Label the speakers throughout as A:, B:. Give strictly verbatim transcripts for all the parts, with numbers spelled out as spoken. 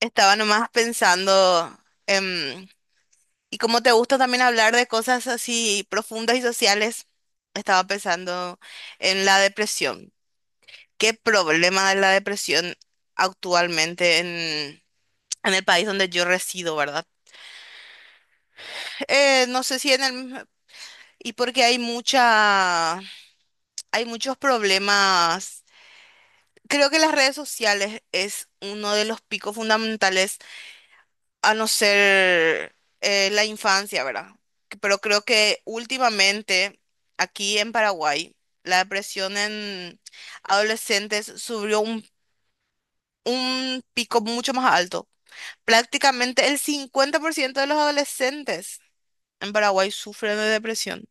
A: Estaba nomás pensando, em, y como te gusta también hablar de cosas así profundas y sociales, estaba pensando en la depresión. ¿Qué problema de la depresión actualmente en, en el país donde yo resido, verdad? Eh, no sé si en el... Y porque hay mucha, hay muchos problemas. Creo que las redes sociales es uno de los picos fundamentales a no ser eh, la infancia, ¿verdad? Que- Pero creo que últimamente aquí en Paraguay la depresión en adolescentes subió un, un pico mucho más alto. Prácticamente el cincuenta por ciento de los adolescentes en Paraguay sufren de depresión.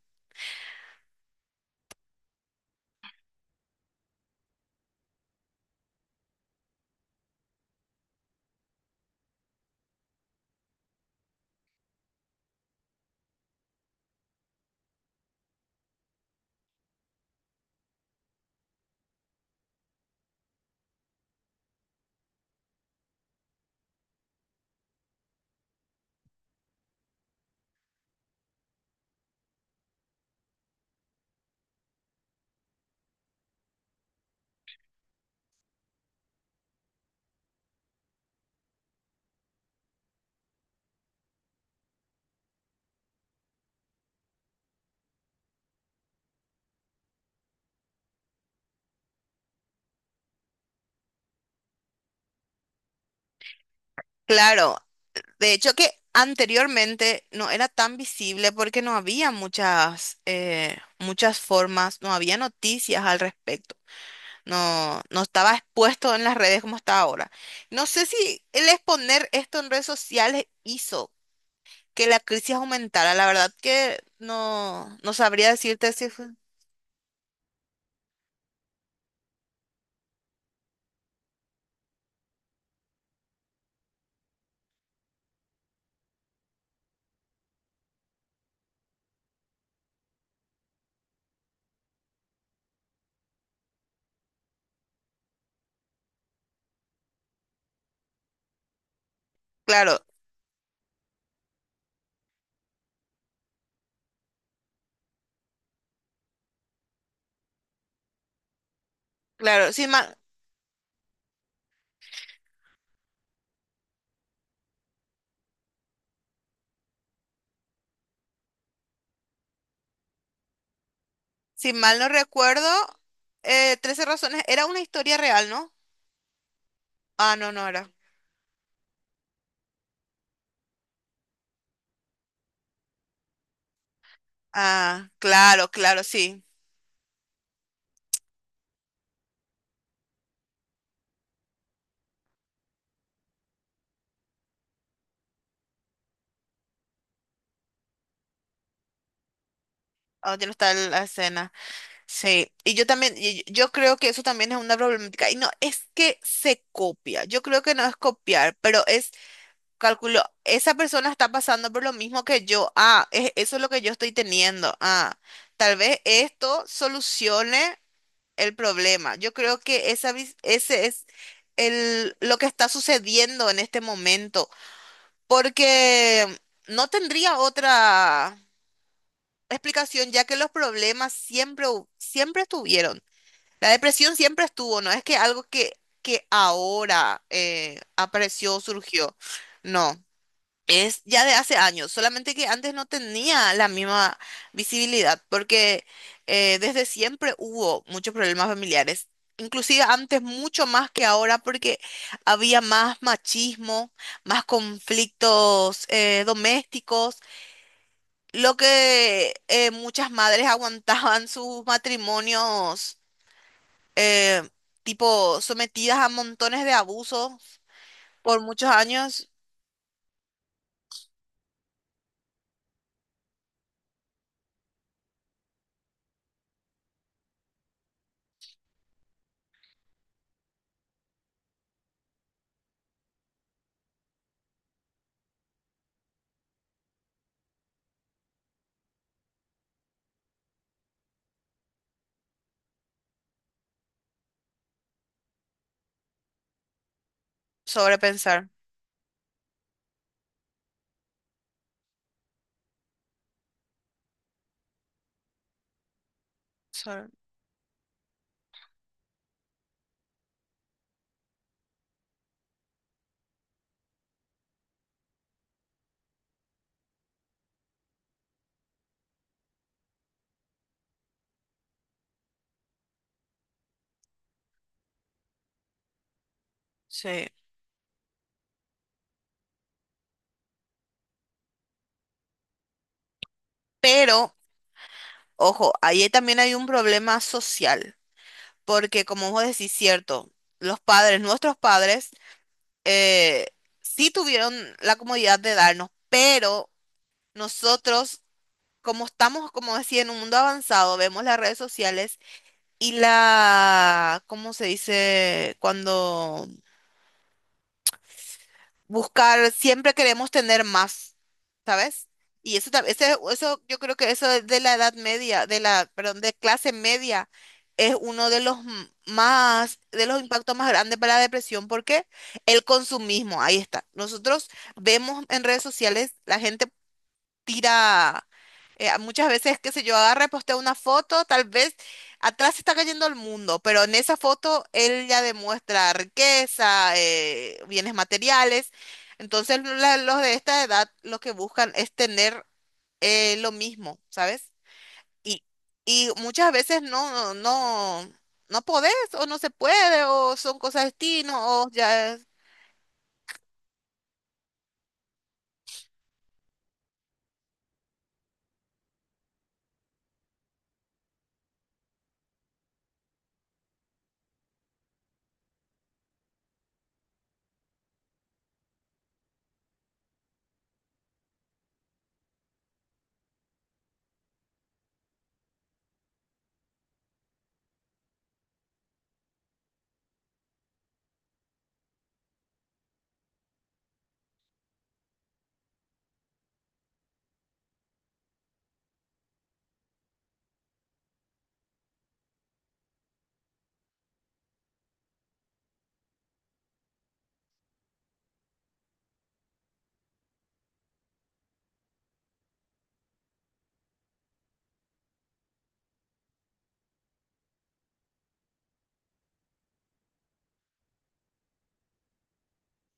A: Claro, de hecho que anteriormente no era tan visible porque no había muchas, eh, muchas formas, no había noticias al respecto. No, no estaba expuesto en las redes como está ahora. No sé si el exponer esto en redes sociales hizo que la crisis aumentara. La verdad que no, no sabría decirte si fue... Claro, claro. Si mal, si mal no recuerdo, eh, trece razones era una historia real, ¿no? Ah, no, no era. Ah, claro, claro, sí. Ah, ya no está el- la escena. Sí. Y yo también, y yo yo creo que eso también es una problemática. Y no, es que se copia. Yo creo que no es copiar, pero es. Calculo, esa persona está pasando por lo mismo que yo. Ah, es- eso es lo que yo estoy teniendo. Ah, tal vez esto solucione el problema. Yo creo que esa, vis- ese es el, lo que está sucediendo en este momento, porque no tendría otra explicación, ya que los problemas siempre, hu- siempre estuvieron. La depresión siempre estuvo, no es que algo que, que ahora eh, apareció, surgió. No. Es ya de hace años, solamente que antes no tenía la misma visibilidad, porque eh, desde siempre hubo muchos problemas familiares, inclusive antes mucho más que ahora, porque había más machismo, más conflictos eh, domésticos, lo que eh, muchas madres aguantaban sus matrimonios, eh, tipo sometidas a montones de abusos por muchos años, sobrepensar. sobre- sí. Pero ojo, ahí también hay un problema social, porque como vos decís, cierto, los padres, nuestros padres, eh, sí tuvieron la comodidad de darnos, pero nosotros, como estamos, como decía, en un mundo avanzado, vemos las redes sociales y la, ¿cómo se dice? Cuando buscar, siempre queremos tener más, ¿sabes? Y eso, tam- ese- eso, yo creo que eso es de la edad media, de la, perdón, de clase media, es uno de los m- más, de los impactos más grandes para la depresión, porque el consumismo, ahí está. Nosotros vemos en redes sociales la gente tira, eh, muchas veces, qué sé yo, agarra y postea una foto, tal vez atrás está cayendo el mundo, pero en esa foto él ya demuestra riqueza, eh, bienes materiales. Entonces la- los de esta edad lo que buscan es tener eh, lo mismo, ¿sabes? Y, y muchas veces no, no, no podés o no se puede o son cosas de destino o ya... es-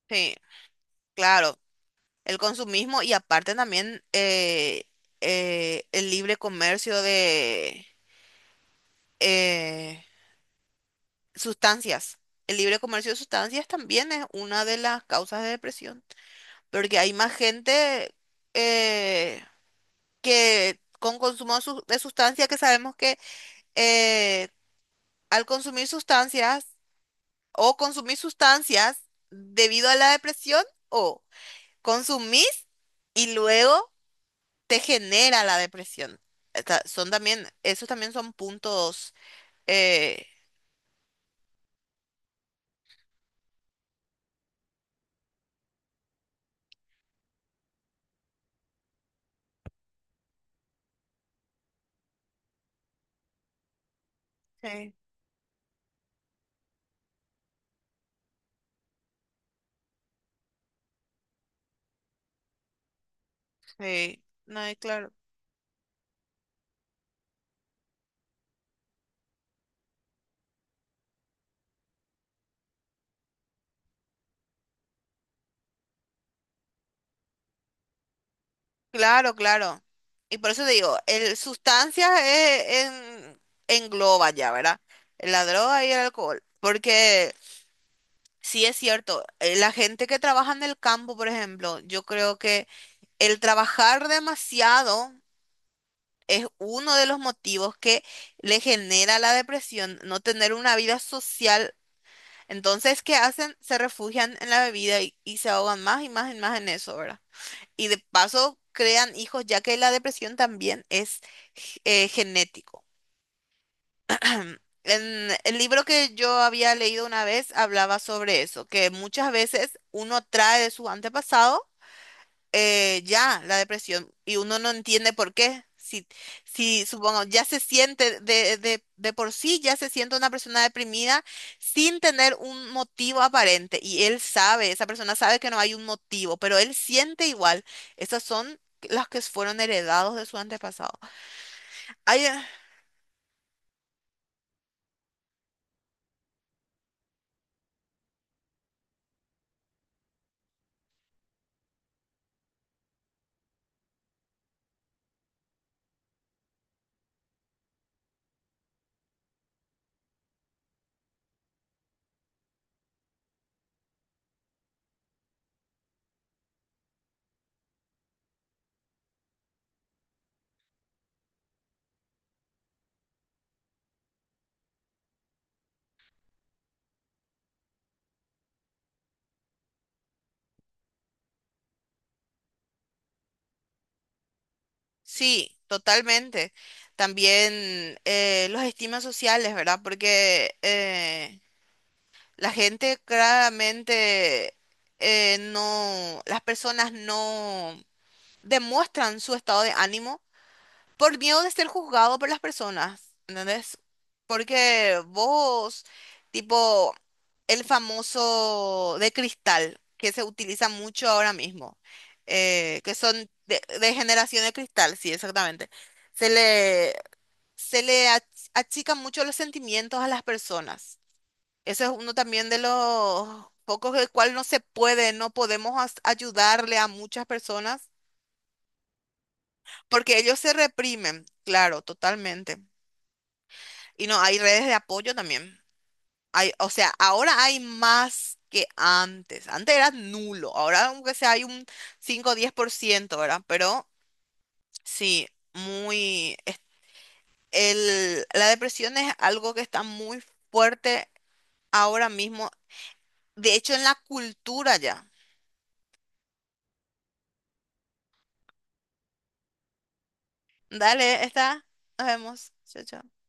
A: Sí, claro. El consumismo y aparte también eh, eh, el libre comercio de eh, sustancias. El libre comercio de sustancias también es una de las causas de depresión, porque hay más gente eh, que con consumo de sus- de sustancias que sabemos que eh, al consumir sustancias o consumir sustancias debido a la depresión o consumís y luego te genera la depresión. Esta- son también, esos también son puntos. eh, sí, sí, no, y claro. Claro, claro. Y por eso te digo, el sustancias es- en- engloba ya, ¿verdad? La droga y el alcohol. Porque sí es cierto, eh, la gente que trabaja en el campo, por ejemplo, yo creo que el trabajar demasiado es uno de los motivos que le genera la depresión, no tener una vida social. Entonces, ¿qué hacen? Se refugian en la bebida y, y se ahogan más y más y más en eso, ¿verdad? Y de paso crean hijos, ya que la depresión también es g- eh, genético. En el libro que yo había leído una vez hablaba sobre eso, que muchas veces uno trae de su antepasado eh, ya la depresión y uno no entiende por qué. Si, si supongo, ya se siente de, de, de por sí, ya se siente una persona deprimida sin tener un motivo aparente y él sabe, esa persona sabe que no hay un motivo, pero él siente igual. Esas son las que fueron heredados de su antepasado. Hay, eh, sí, totalmente. También eh, los estigmas sociales, ¿verdad? Porque... eh, La gente claramente eh, no, las personas no demuestran su estado de ánimo por miedo de ser juzgado por las personas, ¿entendés? Porque vos, tipo, el famoso de cristal que se utiliza mucho ahora mismo, eh, que son de, de generación de cristal, sí, exactamente. Se le, se le ach- achican mucho los sentimientos a las personas. Ese es uno también de los pocos del cual no se puede, no podemos as- ayudarle a muchas personas porque ellos se reprimen, claro, totalmente. Y no, hay redes de apoyo también. Hay, o sea, ahora hay más que antes. Antes era nulo, ahora aunque sea hay un cinco o diez por ciento, ¿verdad? Pero sí, muy... es- El, la depresión es algo que está muy fuerte ahora mismo, de hecho en la cultura ya. Dale, está. Nos vemos. Chao, chao.